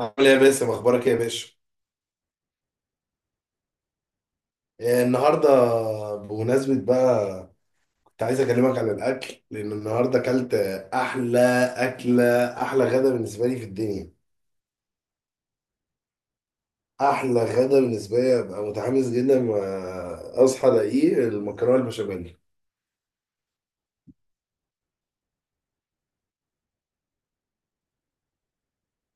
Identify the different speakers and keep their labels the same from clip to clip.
Speaker 1: عامل ايه يا باسم، اخبارك ايه يا باشا؟ إيه النهارده؟ بمناسبه بقى، كنت عايز اكلمك عن الاكل، لان النهارده اكلت احلى اكله، احلى غدا بالنسبه لي في الدنيا. احلى غدا بالنسبه لي ابقى متحمس جدا ما اصحى الاقيه المكرونه البشاميل.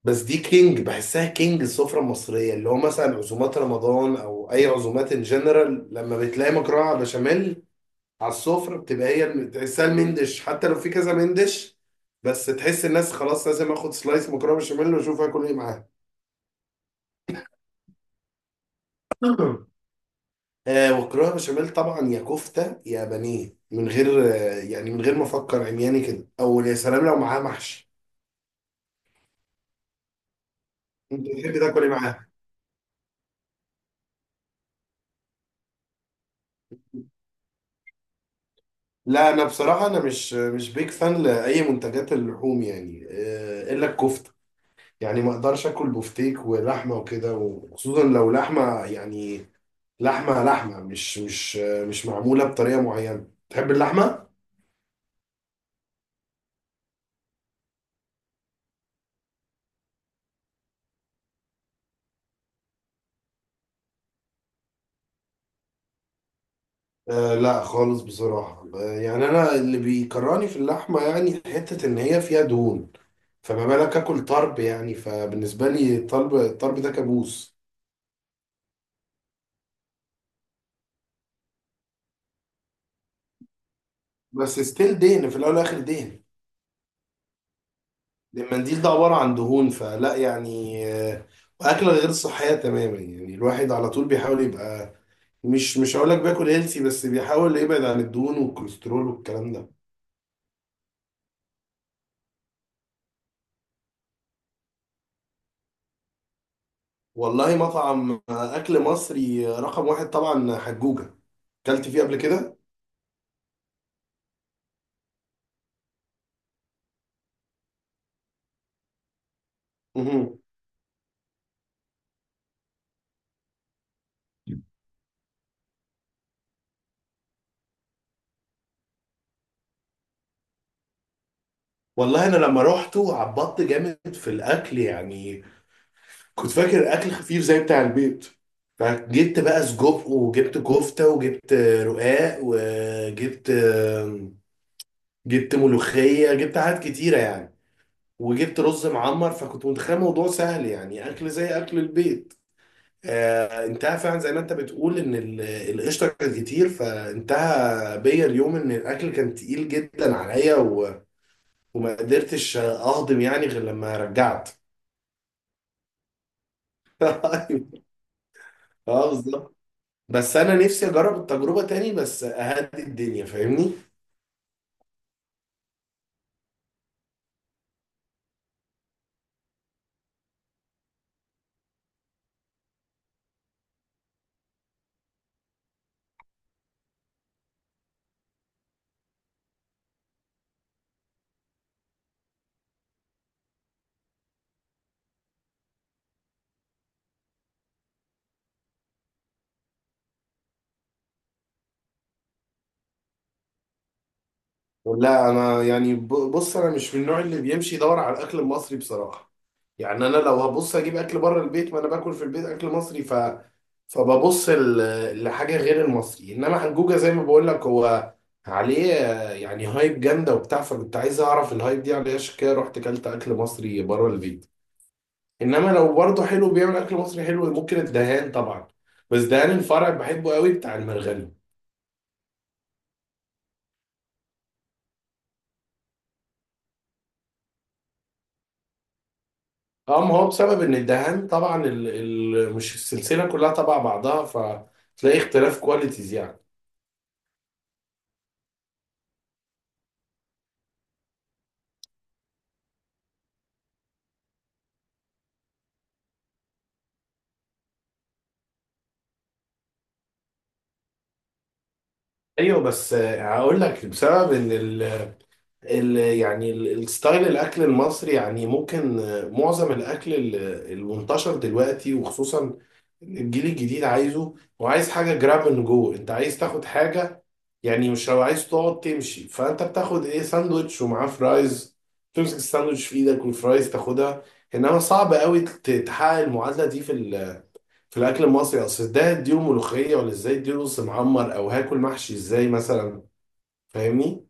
Speaker 1: بس دي كينج، بحسها كينج السفره المصريه، اللي هو مثلا عزومات رمضان او اي عزومات ان جنرال، لما بتلاقي مكرونه على بشاميل على السفرة بتبقى هي تحسها المندش، حتى لو في كذا مندش. بس تحس الناس خلاص لازم اخد سلايس مكرونة بشاميل واشوف هاكل ايه معاها. ومكرونة بشاميل طبعا، يا كفتة يا بانيه، من غير يعني، من غير ما افكر عمياني كده، او يا سلام لو معاها محشي. انت بتحب تاكل ايه معاها؟ لا، انا بصراحة انا مش بيك فان لاي منتجات اللحوم يعني، الا الكفتة. يعني ما اقدرش اكل بفتيك ولحمة وكده، وخصوصا لو لحمة يعني، لحمة مش معمولة بطريقة معينة، تحب اللحمة؟ لا خالص بصراحة، يعني أنا اللي بيكرهني في اللحمة، يعني حتة إن هي فيها دهون، فما بالك آكل طرب يعني، فبالنسبة لي الطرب الطرب ده كابوس. بس ستيل دهن في الأول والآخر دهن. المنديل ده عبارة عن دهون، فلا يعني وأكلة غير صحية تماما، يعني الواحد على طول بيحاول يبقى مش هقول لك بياكل هيلثي، بس بيحاول يبعد عن الدهون والكوليسترول والكلام ده. والله مطعم اكل مصري رقم واحد طبعا حجوجة، اكلت فيه قبل كده. مهم. والله انا لما روحته عبطت جامد في الاكل يعني، كنت فاكر اكل خفيف زي بتاع البيت، فجبت بقى سجق، وجبت كفتة، وجبت رقاق، وجبت ملوخية، جبت حاجات كتيرة يعني، وجبت رز معمر، فكنت متخيل الموضوع سهل يعني اكل زي اكل البيت. انتهى فعلا زي ما انت بتقول ان القشطه كانت كتير، فانتهى بيا اليوم ان الاكل كان تقيل جدا عليا وما قدرتش اهضم يعني غير لما رجعت. اه بالظبط. بس انا نفسي اجرب التجربه تاني، بس اهدي الدنيا، فاهمني. لا انا يعني بص، انا مش من النوع اللي بيمشي يدور على الاكل المصري بصراحه. يعني انا لو هبص اجيب اكل بره البيت، ما انا باكل في البيت اكل مصري، فببص لحاجه غير المصري، انما حجوجه زي ما بقول لك، هو عليه يعني هايب جامده وبتاع، فكنت عايز اعرف الهايب دي عليه، عشان كده رحت اكلت اكل مصري بره البيت. انما لو برضه حلو بيعمل اكل مصري حلو ممكن الدهان طبعا. بس دهان الفرع بحبه قوي، بتاع المرغني. اه ما هو بسبب ان الدهان طبعا مش السلسله كلها تبع بعضها، فتلاقي اختلاف كواليتيز يعني. ايوه بس هقول لك بسبب ان يعني الستايل الاكل المصري، يعني ممكن معظم الاكل المنتشر دلوقتي، وخصوصا الجيل الجديد عايزه، وعايز حاجه جراب من جوه، انت عايز تاخد حاجه. يعني مش لو عايز تقعد تمشي، فانت بتاخد ايه، ساندوتش ومعاه فرايز، تمسك الساندوتش في ايدك والفرايز تاخدها. انما صعب قوي تحقق المعادله دي في في الاكل المصري، اصل ده اديله ملوخيه ولا ازاي، اديله رز معمر او هاكل محشي ازاي مثلا، فاهمني.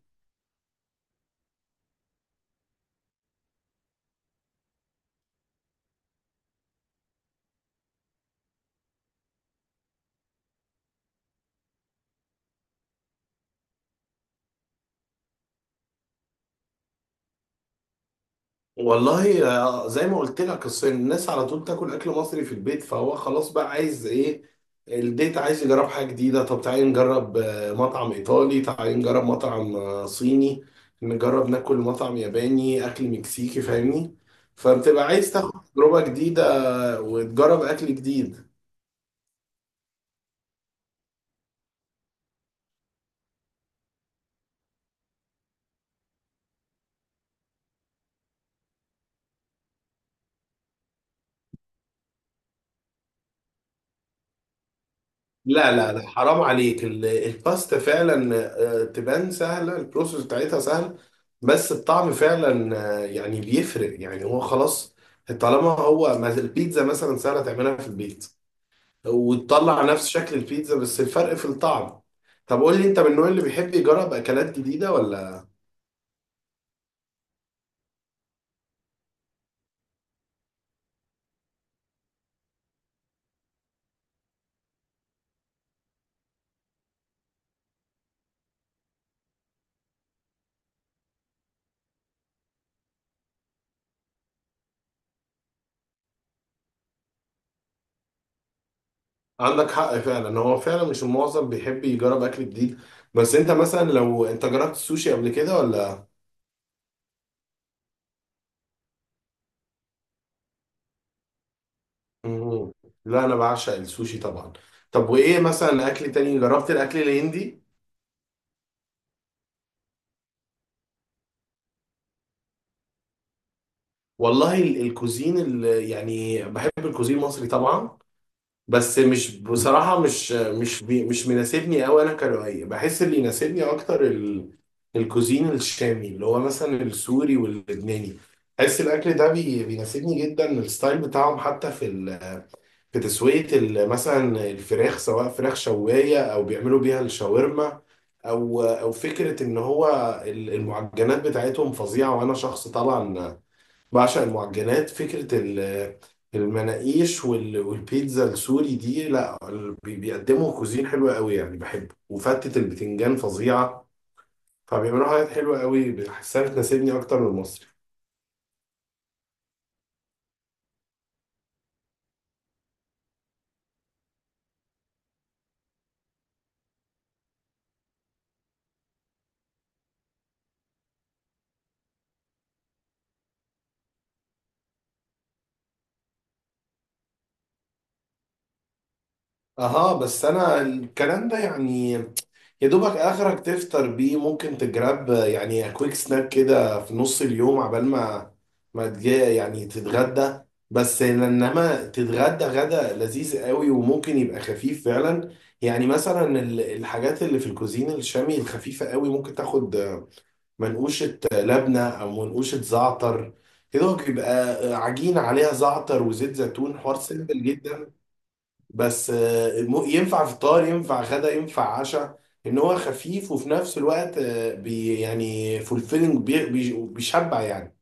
Speaker 1: والله زي ما قلت لك الصين، الناس على طول تاكل اكل مصري في البيت، فهو خلاص بقى عايز ايه، البيت عايز يجرب حاجه جديده. طب تعالي نجرب مطعم ايطالي، تعالي نجرب مطعم صيني، نجرب ناكل مطعم ياباني، اكل مكسيكي، فاهمني. فبتبقى عايز تاخد تجربه جديده وتجرب اكل جديد. لا لا لا حرام عليك، الباستا فعلا تبان سهلة، البروسيس بتاعتها سهل، بس الطعم فعلا يعني بيفرق يعني، هو خلاص. طالما هو البيتزا مثلا سهلة تعملها في البيت، وتطلع نفس شكل البيتزا، بس الفرق في الطعم. طب قول لي انت، من النوع اللي بيحب يجرب اكلات جديدة ولا؟ عندك حق فعلا، هو فعلا مش المعظم بيحب يجرب اكل جديد. بس انت مثلا لو انت جربت السوشي قبل كده ولا؟ مم. لا انا بعشق السوشي طبعا. طب وايه مثلا اكل تاني، جربت الاكل الهندي؟ والله الكوزين يعني بحب الكوزين المصري طبعا. بس مش بصراحه، مش مناسبني قوي، انا كروائيه، بحس اللي يناسبني اكتر الكوزين الشامي، اللي هو مثلا السوري واللبناني. بحس الاكل ده بيناسبني جدا، الستايل بتاعهم، حتى في تسوية مثلا الفراخ، سواء فراخ شواية أو بيعملوا بيها الشاورما، أو فكرة إن هو المعجنات بتاعتهم فظيعة، وأنا شخص طبعا بعشق المعجنات، فكرة المناقيش والبيتزا السوري دي. لا بيقدموا كوزين حلوة قوي يعني بحبه، وفتة البتنجان فظيعة، فبيعملوا حاجات حلوة قوي بحسها بتناسبني أكتر من المصري. أها بس أنا الكلام ده يعني، يا دوبك اخرك تفطر بيه، ممكن تجرب يعني كويك سناك كده في نص اليوم، عبال ما تجي يعني تتغدى. بس انما تتغدى غدا لذيذ قوي، وممكن يبقى خفيف فعلا، يعني مثلا الحاجات اللي في الكوزين الشامي الخفيفة قوي، ممكن تاخد منقوشة لبنة او منقوشة زعتر، كده بيبقى عجينة عليها زعتر وزيت زيتون، حوار سيمبل جدا. بس ينفع فطار ينفع غدا ينفع عشاء، ان هو خفيف وفي نفس الوقت يعني فولفيلنج، بيشبع يعني.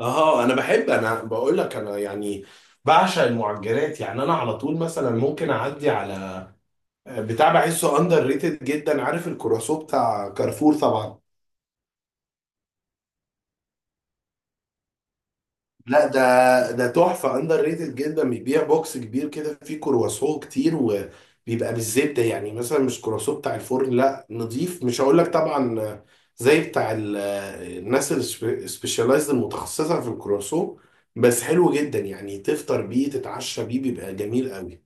Speaker 1: اه انا بحب، انا بقول لك انا يعني بعشق المعجنات، يعني انا على طول مثلا ممكن اعدي على بتاع، بحسه اندر ريتد جدا، عارف الكرواسون بتاع كارفور طبعا؟ لا ده تحفة اندر ريتد جدا، بيبيع بوكس كبير كده فيه كرواسون كتير، وبيبقى بالزبدة يعني، مثلا مش كرواسون بتاع الفرن، لا نضيف مش هقول لك طبعا، زي بتاع الناس السبيشاليزد المتخصصة في الكرواسون، بس حلو جدا يعني، تفطر بيه تتعشى بيه بيبقى جميل قوي،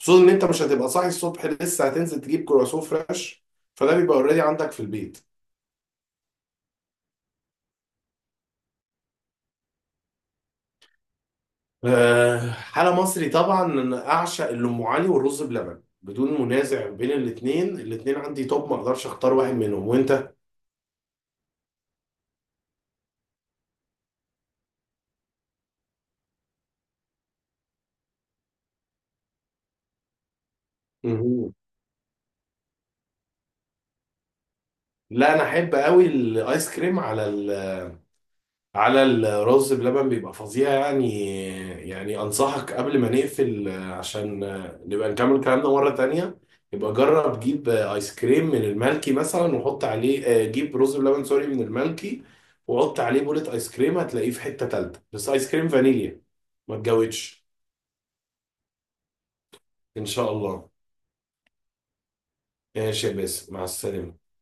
Speaker 1: خصوصا ان انت مش هتبقى صاحي الصبح لسه هتنزل تجيب كرواسون فريش، فده بيبقى اوريدي عندك في البيت. حلا مصري طبعا، انا اعشق الام علي والرز بلبن، بدون منازع بين الاثنين، الاثنين عندي توب، ما اقدرش اختار واحد منهم، وانت؟ مهم. لا انا احب قوي الايس كريم على الرز بلبن، بيبقى فظيع يعني، يعني انصحك قبل ما نقفل عشان نبقى نكمل كلامنا مرة تانية، يبقى جرب، جيب ايس كريم من المالكي مثلا، وحط عليه جيب رز بلبن سوري من المالكي، وحط عليه بولة ايس كريم، هتلاقيه في حتة تالتة، بس ايس كريم فانيليا، ما تجودش. ان شاء الله. ماشي يا باسم، مع السلامة.